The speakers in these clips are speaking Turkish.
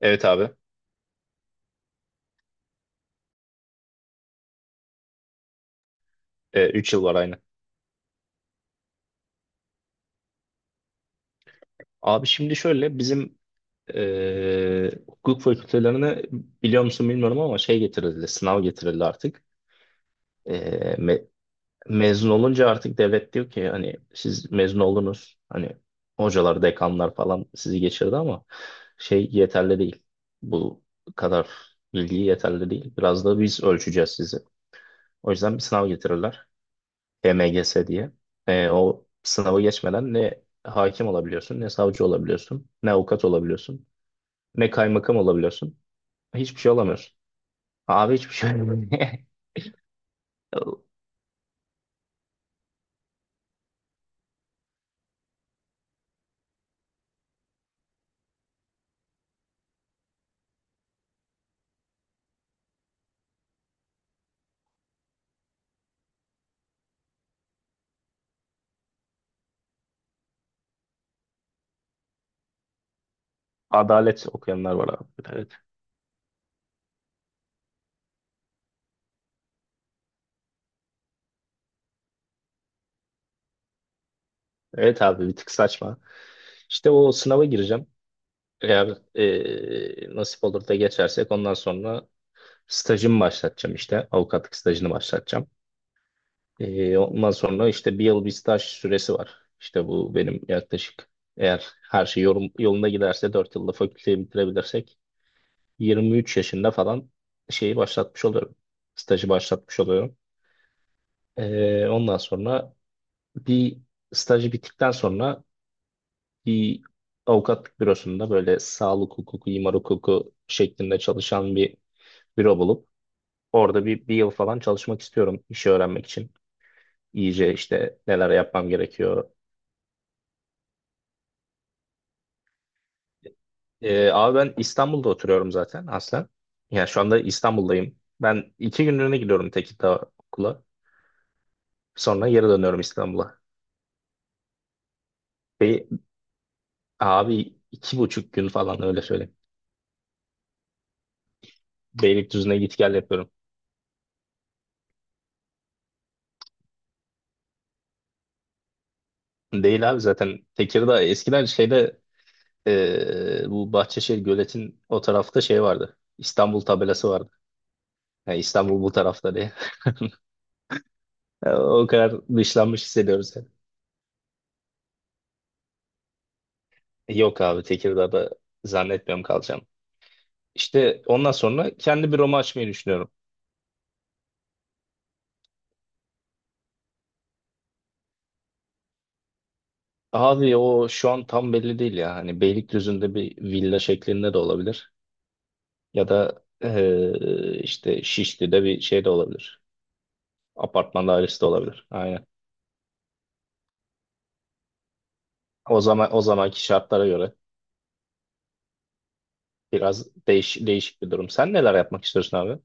Evet abi. Üç yıl var aynı. Abi şimdi şöyle bizim hukuk fakültelerine biliyor musun bilmiyorum ama şey getirildi. Sınav getirildi artık. E, me- mezun olunca artık devlet diyor ki hani siz mezun oldunuz. Hani hocalar, dekanlar falan sizi geçirdi ama şey yeterli değil. Bu kadar bilgi yeterli değil. Biraz da biz ölçeceğiz sizi. O yüzden bir sınav getirirler. EMGS diye. O sınavı geçmeden ne hakim olabiliyorsun, ne savcı olabiliyorsun, ne avukat olabiliyorsun, ne kaymakam olabiliyorsun. Hiçbir şey olamıyorsun. Abi hiçbir şey olamıyor. Adalet okuyanlar var abi. Evet. Evet abi bir tık saçma. İşte o sınava gireceğim. Eğer nasip olur da geçersek ondan sonra stajımı başlatacağım işte. Avukatlık stajını başlatacağım. Ondan sonra işte bir yıl bir staj süresi var. İşte bu benim yaklaşık eğer her şey yolunda giderse 4 yılda fakülteyi bitirebilirsek 23 yaşında falan şeyi başlatmış oluyorum. Stajı başlatmış oluyorum. Ondan sonra bir stajı bittikten sonra bir avukatlık bürosunda böyle sağlık hukuku, imar hukuku şeklinde çalışan bir büro bulup orada bir yıl falan çalışmak istiyorum işi öğrenmek için. İyice işte neler yapmam gerekiyor. Abi ben İstanbul'da oturuyorum zaten aslen. Yani şu anda İstanbul'dayım. Ben 2 günlüğüne gidiyorum Tekirdağ okula. Sonra geri dönüyorum İstanbul'a. Be abi 2,5 gün falan öyle söyleyeyim. Beylikdüzü'ne git gel yapıyorum. Değil abi zaten Tekirdağ eskiden şeyde bu Bahçeşehir Gölet'in o tarafta şey vardı. İstanbul tabelası vardı. Yani İstanbul bu tarafta diye. O kadar dışlanmış hissediyoruz yani. Yok abi Tekirdağ'da zannetmiyorum kalacağım. İşte ondan sonra kendi büromu açmayı düşünüyorum. Abi o şu an tam belli değil ya. Hani Beylikdüzü'nde bir villa şeklinde de olabilir. Ya da işte Şişli'de bir şey de olabilir. Apartman dairesi de olabilir. Aynen. O zaman o zamanki şartlara göre biraz değişik bir durum. Sen neler yapmak istiyorsun abi?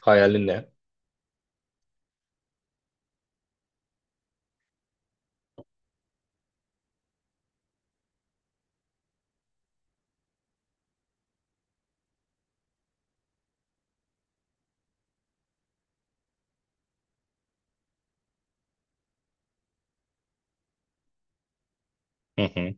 Hayalin ne? Hı hı,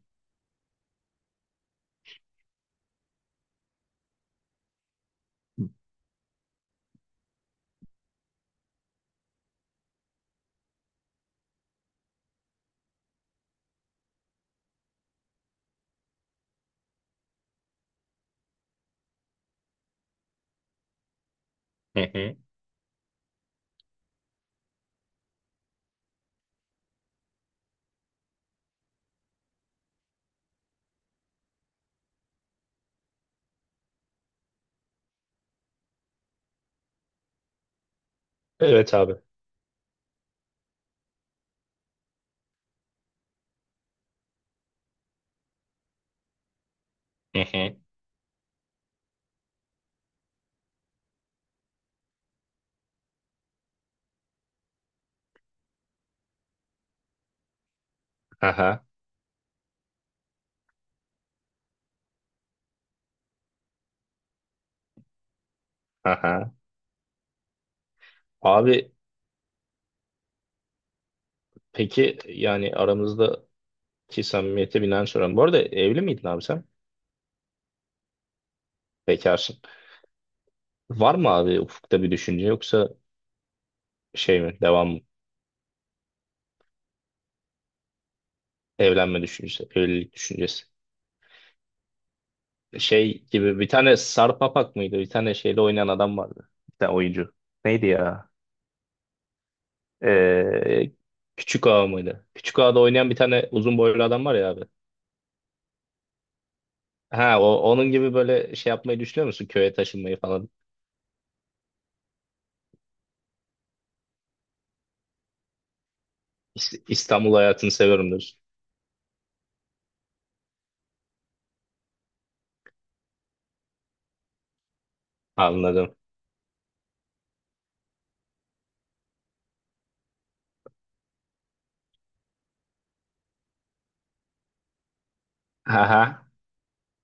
hı hı. Evet abi. Hı hı. Aha, aha. Abi peki yani aramızdaki samimiyete binaen soruyorum. Bu arada evli miydin abi sen? Bekarsın. Var mı abi ufukta bir düşünce yoksa şey mi devam mı? Evlenme düşüncesi, evlilik düşüncesi. Şey gibi bir tane Sarp Apak mıydı? Bir tane şeyle oynayan adam vardı. Bir tane oyuncu. Neydi ya? Ee, Küçük Ağa mıydı? Küçük Ağa'da oynayan bir tane uzun boylu adam var ya abi. Ha onun gibi böyle şey yapmayı düşünüyor musun? Köye taşınmayı falan. İstanbul hayatını seviyorum diyorsun. Anladım. Aha.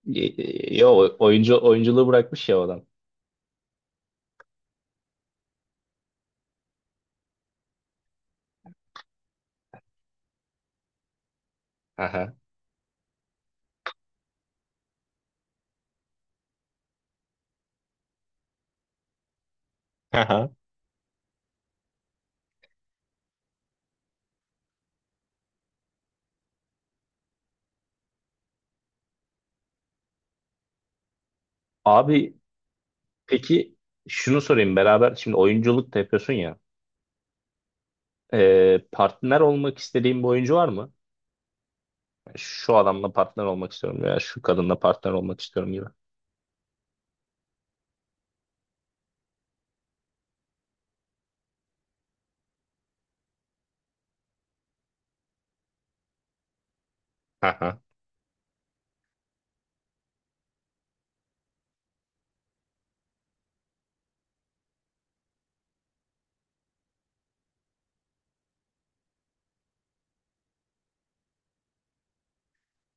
Yo oyunculuğu bırakmış ya o adam. Aha. Aha. Abi peki şunu sorayım beraber şimdi oyunculuk da yapıyorsun ya. Partner olmak istediğin bir oyuncu var mı? Şu adamla partner olmak istiyorum veya şu kadınla partner olmak istiyorum gibi. Aha,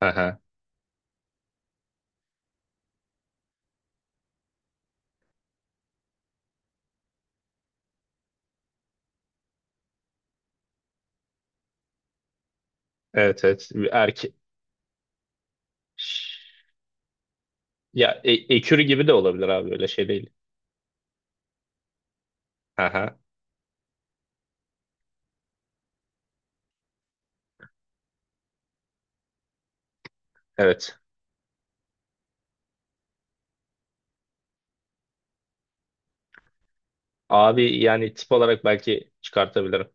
aha. Evet evet bir erke ya ekürü gibi de olabilir abi öyle şey değil. Aha, evet. Abi yani tip olarak belki çıkartabilirim.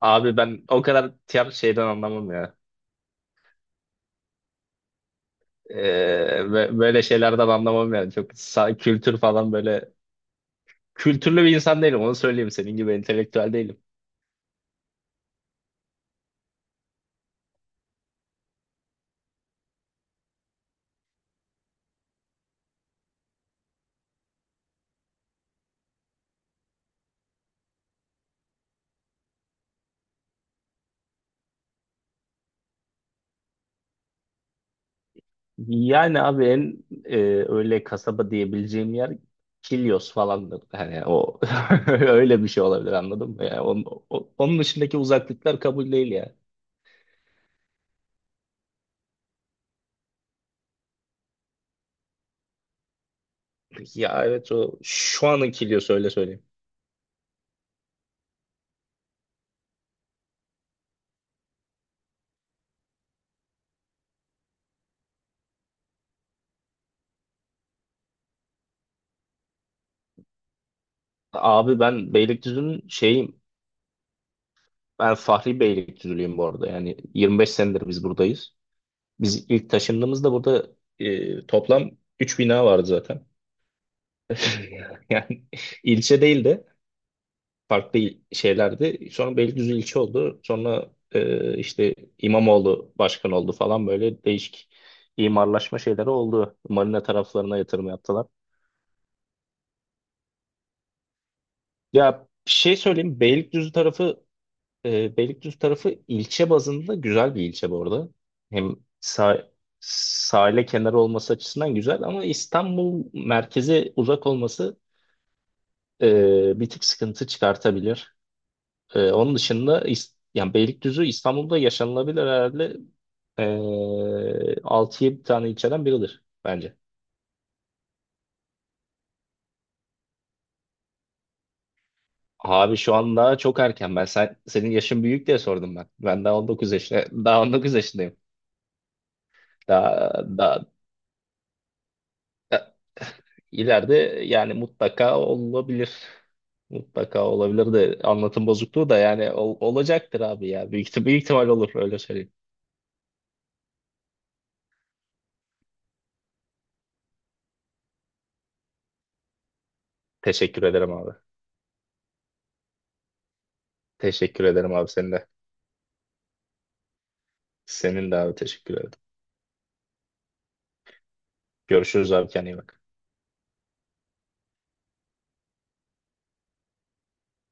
Abi ben o kadar tiyatro şeyden anlamam ya. Ee, böyle şeylerden anlamam yani. Çok kültür falan böyle. Kültürlü bir insan değilim onu söyleyeyim. Senin gibi entelektüel değilim. Yani abi en öyle kasaba diyebileceğim yer Kilyos falandır. Hani o öyle bir şey olabilir anladın mı? Yani onun dışındaki uzaklıklar kabul değil ya. Ya evet o şu anın Kilyos öyle söyleyeyim. Abi ben Beylikdüzü'nün şeyim. Ben Fahri Beylikdüzülüyüm bu arada. Yani 25 senedir biz buradayız. Biz ilk taşındığımızda burada toplam 3 bina vardı zaten. Yani ilçe değildi. Farklı şeylerdi. Sonra Beylikdüzü ilçe oldu. Sonra işte İmamoğlu başkan oldu falan böyle değişik imarlaşma şeyleri oldu. Marina taraflarına yatırım yaptılar. Ya bir şey söyleyeyim. Beylikdüzü tarafı ilçe bazında güzel bir ilçe bu arada. Hem sahile kenarı olması açısından güzel ama İstanbul merkeze uzak olması bir tık sıkıntı çıkartabilir. Onun dışında yani Beylikdüzü İstanbul'da yaşanılabilir herhalde ee, 6'ya bir tane ilçeden biridir bence. Abi şu an daha çok erken. Ben senin yaşın büyük diye sordum ben. Ben daha 19 yaşında, daha 19 yaşındayım. Daha, daha, da- ileride yani mutlaka olabilir. Mutlaka olabilir de anlatım bozukluğu da yani olacaktır abi ya. Büyük ihtimal olur öyle söyleyeyim. Teşekkür ederim abi. Teşekkür ederim abi senin de. Senin de abi teşekkür ederim. Görüşürüz abi kendine iyi bak.